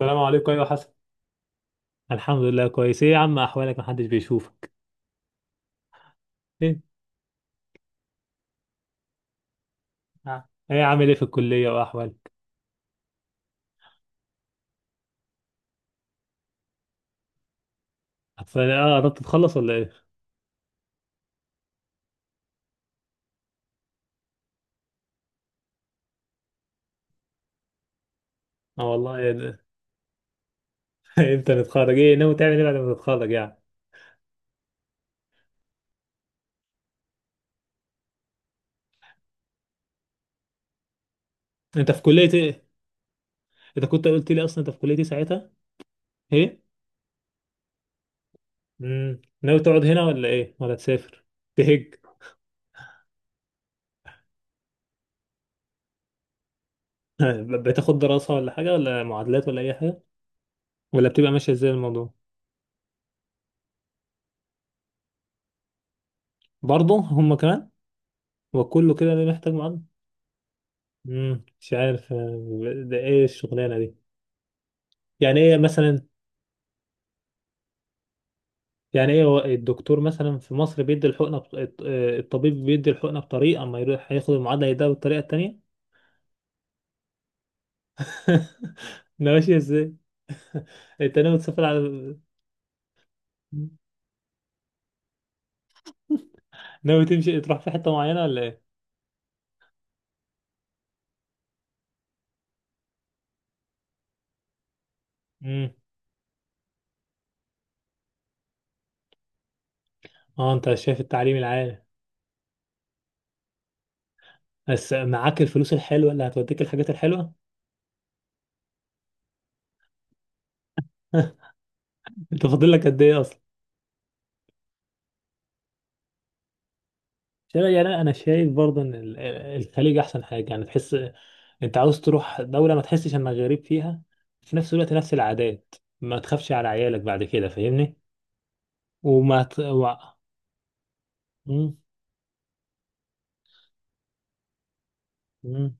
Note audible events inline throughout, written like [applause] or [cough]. السلام عليكم. ايوه حسن، الحمد لله كويس. ايه يا عم احوالك؟ محدش بيشوفك. ايه. آه. ايه عامل ايه في الكليه واحوالك؟ اصل قربت تتخلص ولا ايه؟ اه والله إيه ده. [laughs] امتى نتخرج؟ ايه ناوي تعمل ايه بعد ما تتخرج يعني؟ انت في كليه ايه؟ انت كنت قلت لي اصلا انت في كليه ايه ساعتها؟ ايه. ناوي تقعد هنا ولا ايه ولا تسافر؟ تهج؟ [laughs] بتاخد دراسه ولا حاجه ولا معادلات ولا اي حاجه؟ ولا بتبقى ماشيه ازاي الموضوع؟ برضه هم كمان. وكله كده محتاج معادله. مش عارف، ده ايه الشغلانه دي؟ يعني ايه مثلا؟ يعني ايه، هو الدكتور مثلا في مصر بيدي الحقنه بط... الط- آه، الطبيب بيدي الحقنه بطريقه، اما يروح هياخد المعادله يديها بالطريقه التانيه؟ [laughs] ده ماشي ازاي؟ انت ناوي تسافر على... ناوي تمشي تروح في حته معينه ولا ايه؟ امم اه انت شايف التعليم العالي. بس معاك الفلوس الحلوه اللي هتوديك الحاجات الحلوه. [laughs] انت فاضل لك قد ايه اصلا؟ يعني انا شايف برضه ان الخليج احسن حاجه، يعني تحس انت عاوز تروح دولة ما تحسش انك غريب فيها، في نفس الوقت نفس العادات، ما تخافش على عيالك بعد كده، فاهمني؟ وما ت... و... مم. مم.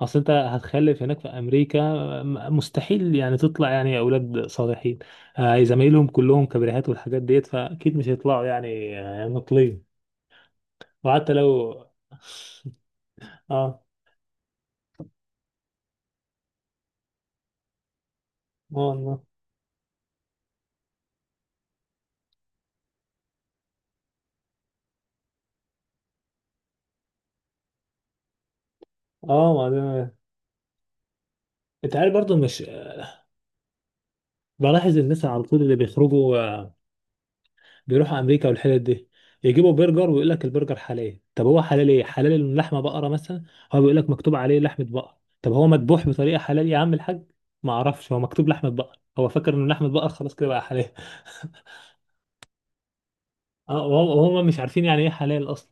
اصل انت هتخلف هناك في امريكا، مستحيل يعني تطلع يعني اولاد صالحين. زمايلهم كلهم كبريهات والحاجات ديت، فاكيد مش هيطلعوا يعني نقلين. وحتى لو... [laughs] اه. ما والله. اه ما ده... انت عارف برضه مش... بلاحظ الناس على طول اللي بيخرجوا بيروحوا امريكا والحتت دي، يجيبوا برجر ويقول لك البرجر حلال. طب هو حلال ايه؟ حلال إن لحمه بقره مثلا؟ هو بيقول لك مكتوب عليه لحمه بقر. طب هو مذبوح بطريقه حلال يا عم الحاج؟ ما اعرفش، هو مكتوب لحمه بقر، هو فاكر ان لحمه بقر خلاص كده بقى حلال. [laughs] اه. وهم مش عارفين يعني ايه حلال اصلا.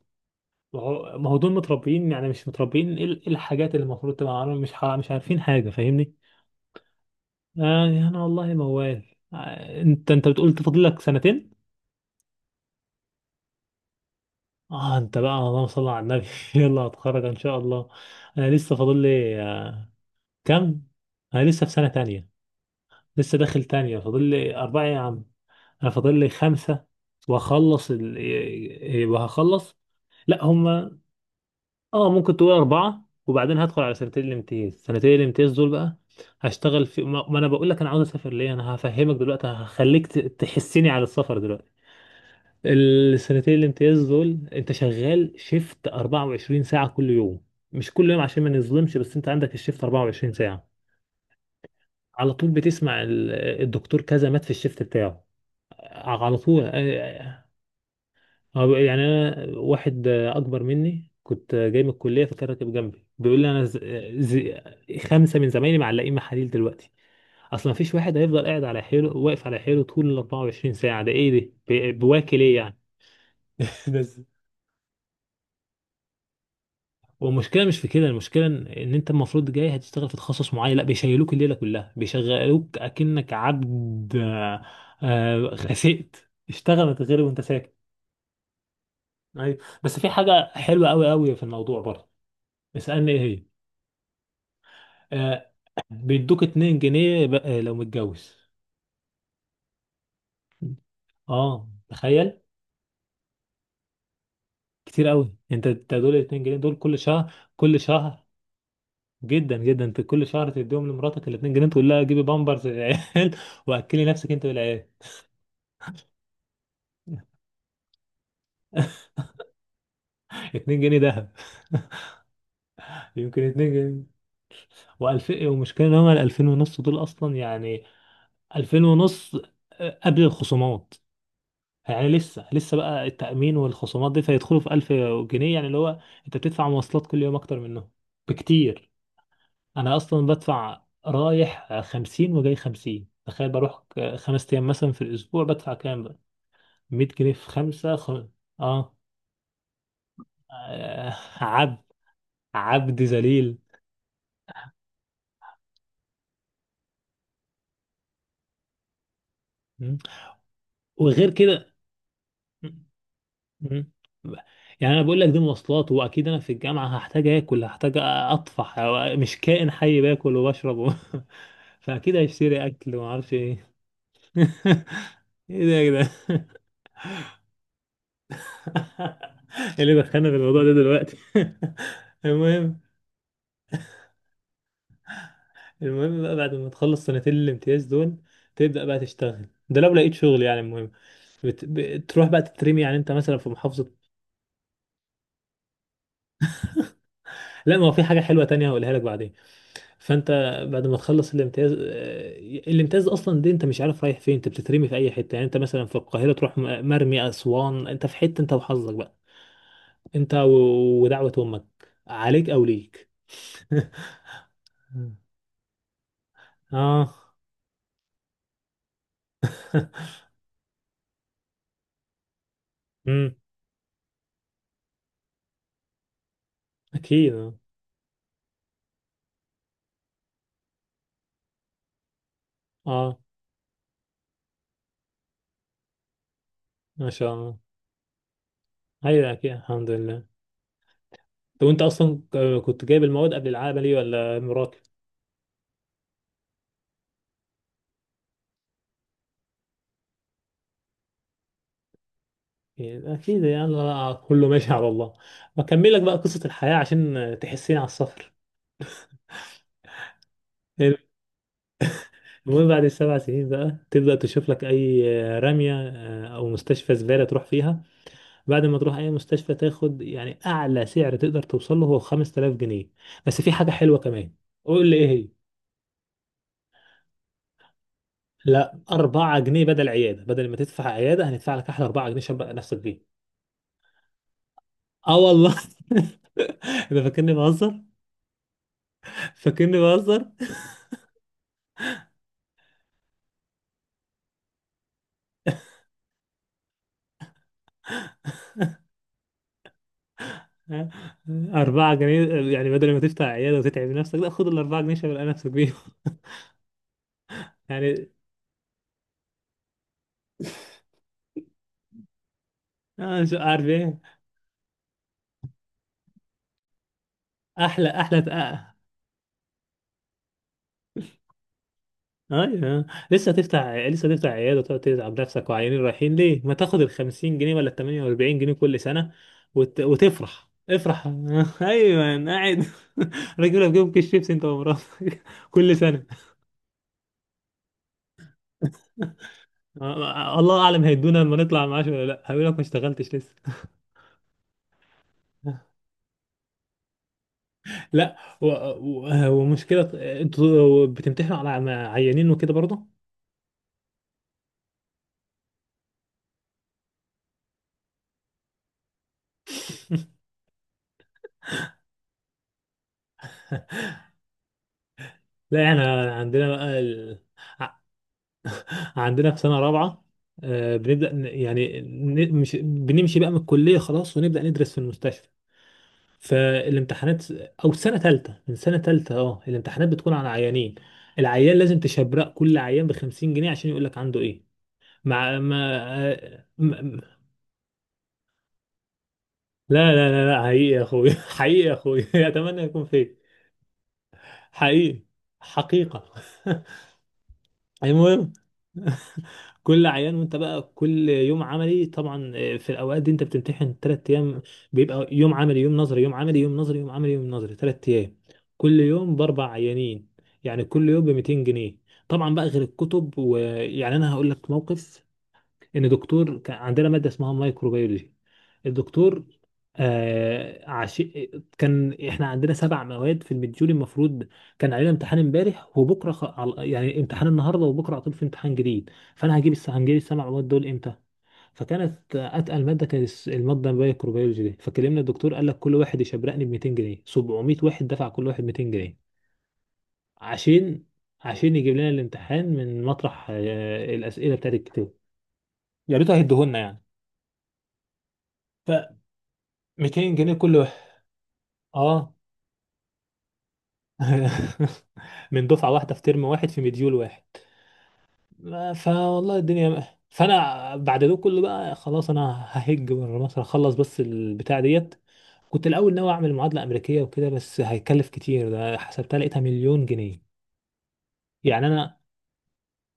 ما هو دول متربيين يعني مش متربيين. ايه إيه الحاجات اللي المفروض تبقى عارفهم؟ مش مش عارفين حاجه، فاهمني؟ آه انا والله موال. انت بتقول تفضل لك سنتين. اه انت بقى اللهم صل على النبي. [laughs] يلا هتخرج ان شاء الله. انا لسه فاضل لي كام؟ انا لسه في سنة تانية، لسه داخل تانية، فاضل لي اربعة يا عم. انا فاضل لي خمسة واخلص وهخلص. لا هما... اه ممكن تقول اربعة، وبعدين هدخل على سنتين الامتياز. سنتين الامتياز دول بقى هشتغل في... ما انا بقول لك انا عاوز اسافر ليه. انا هفهمك دلوقتي، هخليك تحسني على السفر دلوقتي. السنتين الامتياز دول انت شغال شيفت 24 ساعة كل يوم. مش كل يوم عشان ما نظلمش، بس انت عندك الشيفت 24 ساعة، على طول بتسمع الدكتور كذا مات في الشيفت بتاعه. على طول اه، يعني انا واحد اكبر مني كنت جاي من الكلية، فكان راكب جنبي بيقول لي انا ز... 5 من زمايلي معلقين محاليل دلوقتي. اصلا مفيش واحد هيفضل قاعد على حيله، واقف على حيله طول ال 24 ساعة. ده ايه ده؟ بواكل ايه يعني؟ [laughs] بس. والمشكله مش في كده، المشكله ان انت المفروض جاي هتشتغل في تخصص معين، لا بيشيلوك الليله كلها بيشغلوك اكنك عبد. خسئت، اشتغل ما تتغرب وانت ساكت. ايوه. بس في حاجه حلوه قوي قوي في الموضوع برضه، اسالني ايه هي. آه، بيدوك 2 جنيه لو متجوز. اه تخيل. كتير قوي. انت دول ال 2 جنيه دول كل شهر كل شهر. جدا جدا، انت كل شهر تديهم لمراتك ال 2 جنيه، تقول لها جيبي بامبرز للعيال. [laughs] واكلي نفسك انت والعيال. 2 جنيه ذهب. [laughs] يمكن 2 جنيه و2000. ومشكلة ان هما ال 2000 ونص دول اصلا يعني، 2000 ونص قبل الخصومات. يعني لسه بقى التأمين والخصومات دي، فيدخلوا في 1000 جنيه، يعني اللي هو انت بتدفع مواصلات كل يوم اكتر منهم بكتير. انا اصلا بدفع رايح 50 وجاي 50. تخيل بروح 5 ايام مثلا في الاسبوع، بدفع كام بقى؟ 100 جنيه في خمسة اه. آه، عبد، عبد ذليل. م? وغير كده. مم. يعني انا بقول لك دي مواصلات، واكيد انا في الجامعه هحتاج اكل، هحتاج اطفح، مش كائن حي، باكل وبشرب [laughs] فاكيد هيشتري اكل وما اعرفش ايه. [laughs] ايه ده يا جدعان؟ [laughs] ايه اللي دخلنا في الموضوع ده دلوقتي؟ [laughs] المهم. المهم بقى بعد ما تخلص سنتين الامتياز دول، تبدا بقى تشتغل، ده لو لقيت شغل يعني. المهم بتروح بقى تترمي، يعني انت مثلا في محافظه. لا ما هو في حاجة حلوة تانية هقولها لك بعدين. فانت بعد ما تخلص الامتياز، الامتياز اصلا دي انت مش عارف رايح فين، انت بتترمي في اي حته. يعني انت مثلا في القاهره تروح مرمي اسوان، انت في حته انت وحظك بقى. انت ودعوه امك عليك او ليك. [laughs] اه. [laughs] امم اكيد اه. آه، ما شاء الله. ايوه اكيد الحمد لله. طب وانت اصلا كنت جايب المواد قبل العملي ولا مراكم؟ يعني اكيد يعني، أنا كله ماشي على الله. بكمل لك بقى قصة الحياة عشان تحسين على السفر. المهم بعد ال7 سنين بقى تبدأ تشوف لك أي رمية أو مستشفى زبالة تروح فيها. بعد ما تروح أي مستشفى تاخد يعني أعلى سعر تقدر توصل له هو 5000 جنيه. بس في حاجة حلوة كمان، قول لي إيه هي. لا 4 جنيه بدل عيادة، بدل ما تدفع عيادة هندفع لك أحلى 4 جنيه، شبع نفسك بيه. آه والله. [laughs] ده فاكرني بهزر. فاكرني بهزر. 4 جنيه يعني، بدل ما تفتح عيادة وتتعب نفسك، لا خد ال4 جنيه شغل نفسك بيهم. [laughs] يعني آه شو عارف إيه. أحلى أحلى تقى. أيوه. لسه تفتح عيادة وتقعد تتعب نفسك وعيانين رايحين ليه؟ ما تاخد ال 50 جنيه ولا ال 48 جنيه كل سنة وتفرح افرح. [laughs] أيوه قاعد. [laughs] راجل لك جنب كيس شيبسي أنت ومراتك، [laughs] كل سنة. آه، الله أعلم هيدونا لما نطلع معاش ولا لا. هيقول لك ما اشتغلتش لسه. لا. و- ومشكلة، انتوا بتمتحنوا على عيانين وكده برضه. [laughs] لا احنا عندنا بقى ع- عندنا في سنة رابعة بنبدأ مش بنمشي بقى من الكلية خلاص، ونبدأ ندرس في المستشفى. فالامتحانات، أو سنة تالتة، من سنة تالتة اه الامتحانات بتكون على عيانين، العيان لازم تشبرق كل عيان ب50 جنيه عشان يقول لك عنده ايه. مع ما... آه، م- م- لا لا لا لا، حقيقي يا اخوي. [laughs] حقيقي يا اخوي. [laughs] اتمنى يكون فيك. حقيقي، حقيقة. [laughs] المهم، كل عيان وانت بقى كل يوم عملي طبعا، في الاوقات دي انت بتمتحن 3 ايام، بيبقى يوم عملي يوم نظري يوم عملي يوم نظري يوم عملي يوم نظري، 3 ايام كل يوم ب4 عيانين، يعني كل يوم ب 200 جنيه. طبعا بقى غير الكتب. ويعني انا هقول لك موقف. ان دكتور كان عندنا ماده اسمها مايكروبيولوجي. الدكتور آه عش... كان احنا عندنا 7 مواد في المديول، المفروض كان علينا امتحان امبارح وبكره يعني امتحان النهارده وبكره على طول في امتحان جديد. فانا هجيب هنجيب ال7 مواد دول امتى؟ فكانت اتقل ماده كانت الماده الميكروبيولوجي دي، فكلمنا الدكتور قال لك كل واحد يشبرقني ب 200 جنيه. 700 واحد دفع كل واحد 200 جنيه عشان عشان يجيب لنا الامتحان من مطرح، الاسئله بتاعت الكتاب. يا ريته هيديهولنا يعني. 200 جنيه كل واحد اه. [laughs] من دفعه واحده في ترم واحد في مديول واحد. فوالله الدنيا. فانا بعد ده كله بقى خلاص، انا ههج بره مصر، هخلص بس البتاع ديت. كنت الاول ناوي اعمل معادله امريكيه وكده، بس هيكلف كتير، ده حسبتها لقيتها مليون جنيه يعني انا.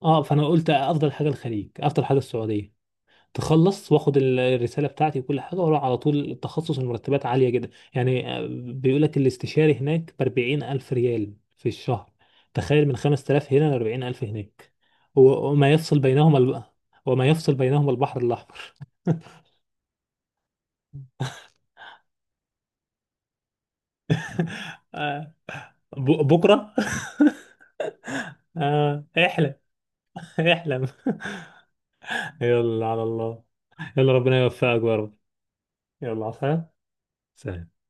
اه، فانا قلت افضل حاجه الخليج، افضل حاجه السعوديه. تخلص واخد الرساله بتاعتي وكل حاجه واروح على طول التخصص. المرتبات عاليه جدا يعني، بيقول لك الاستشاري هناك ب 40000 ريال في الشهر. تخيل من 5000 هنا ل 40000 هناك. و- وما يفصل بينهما الب... وما يفصل بينهما البحر الاحمر. بكره. [laughs] آه احلم. [laughs] احلم. [laughs] يلا على الله. يلا ربنا يوفقك يا رب. يلا عفا. سلام.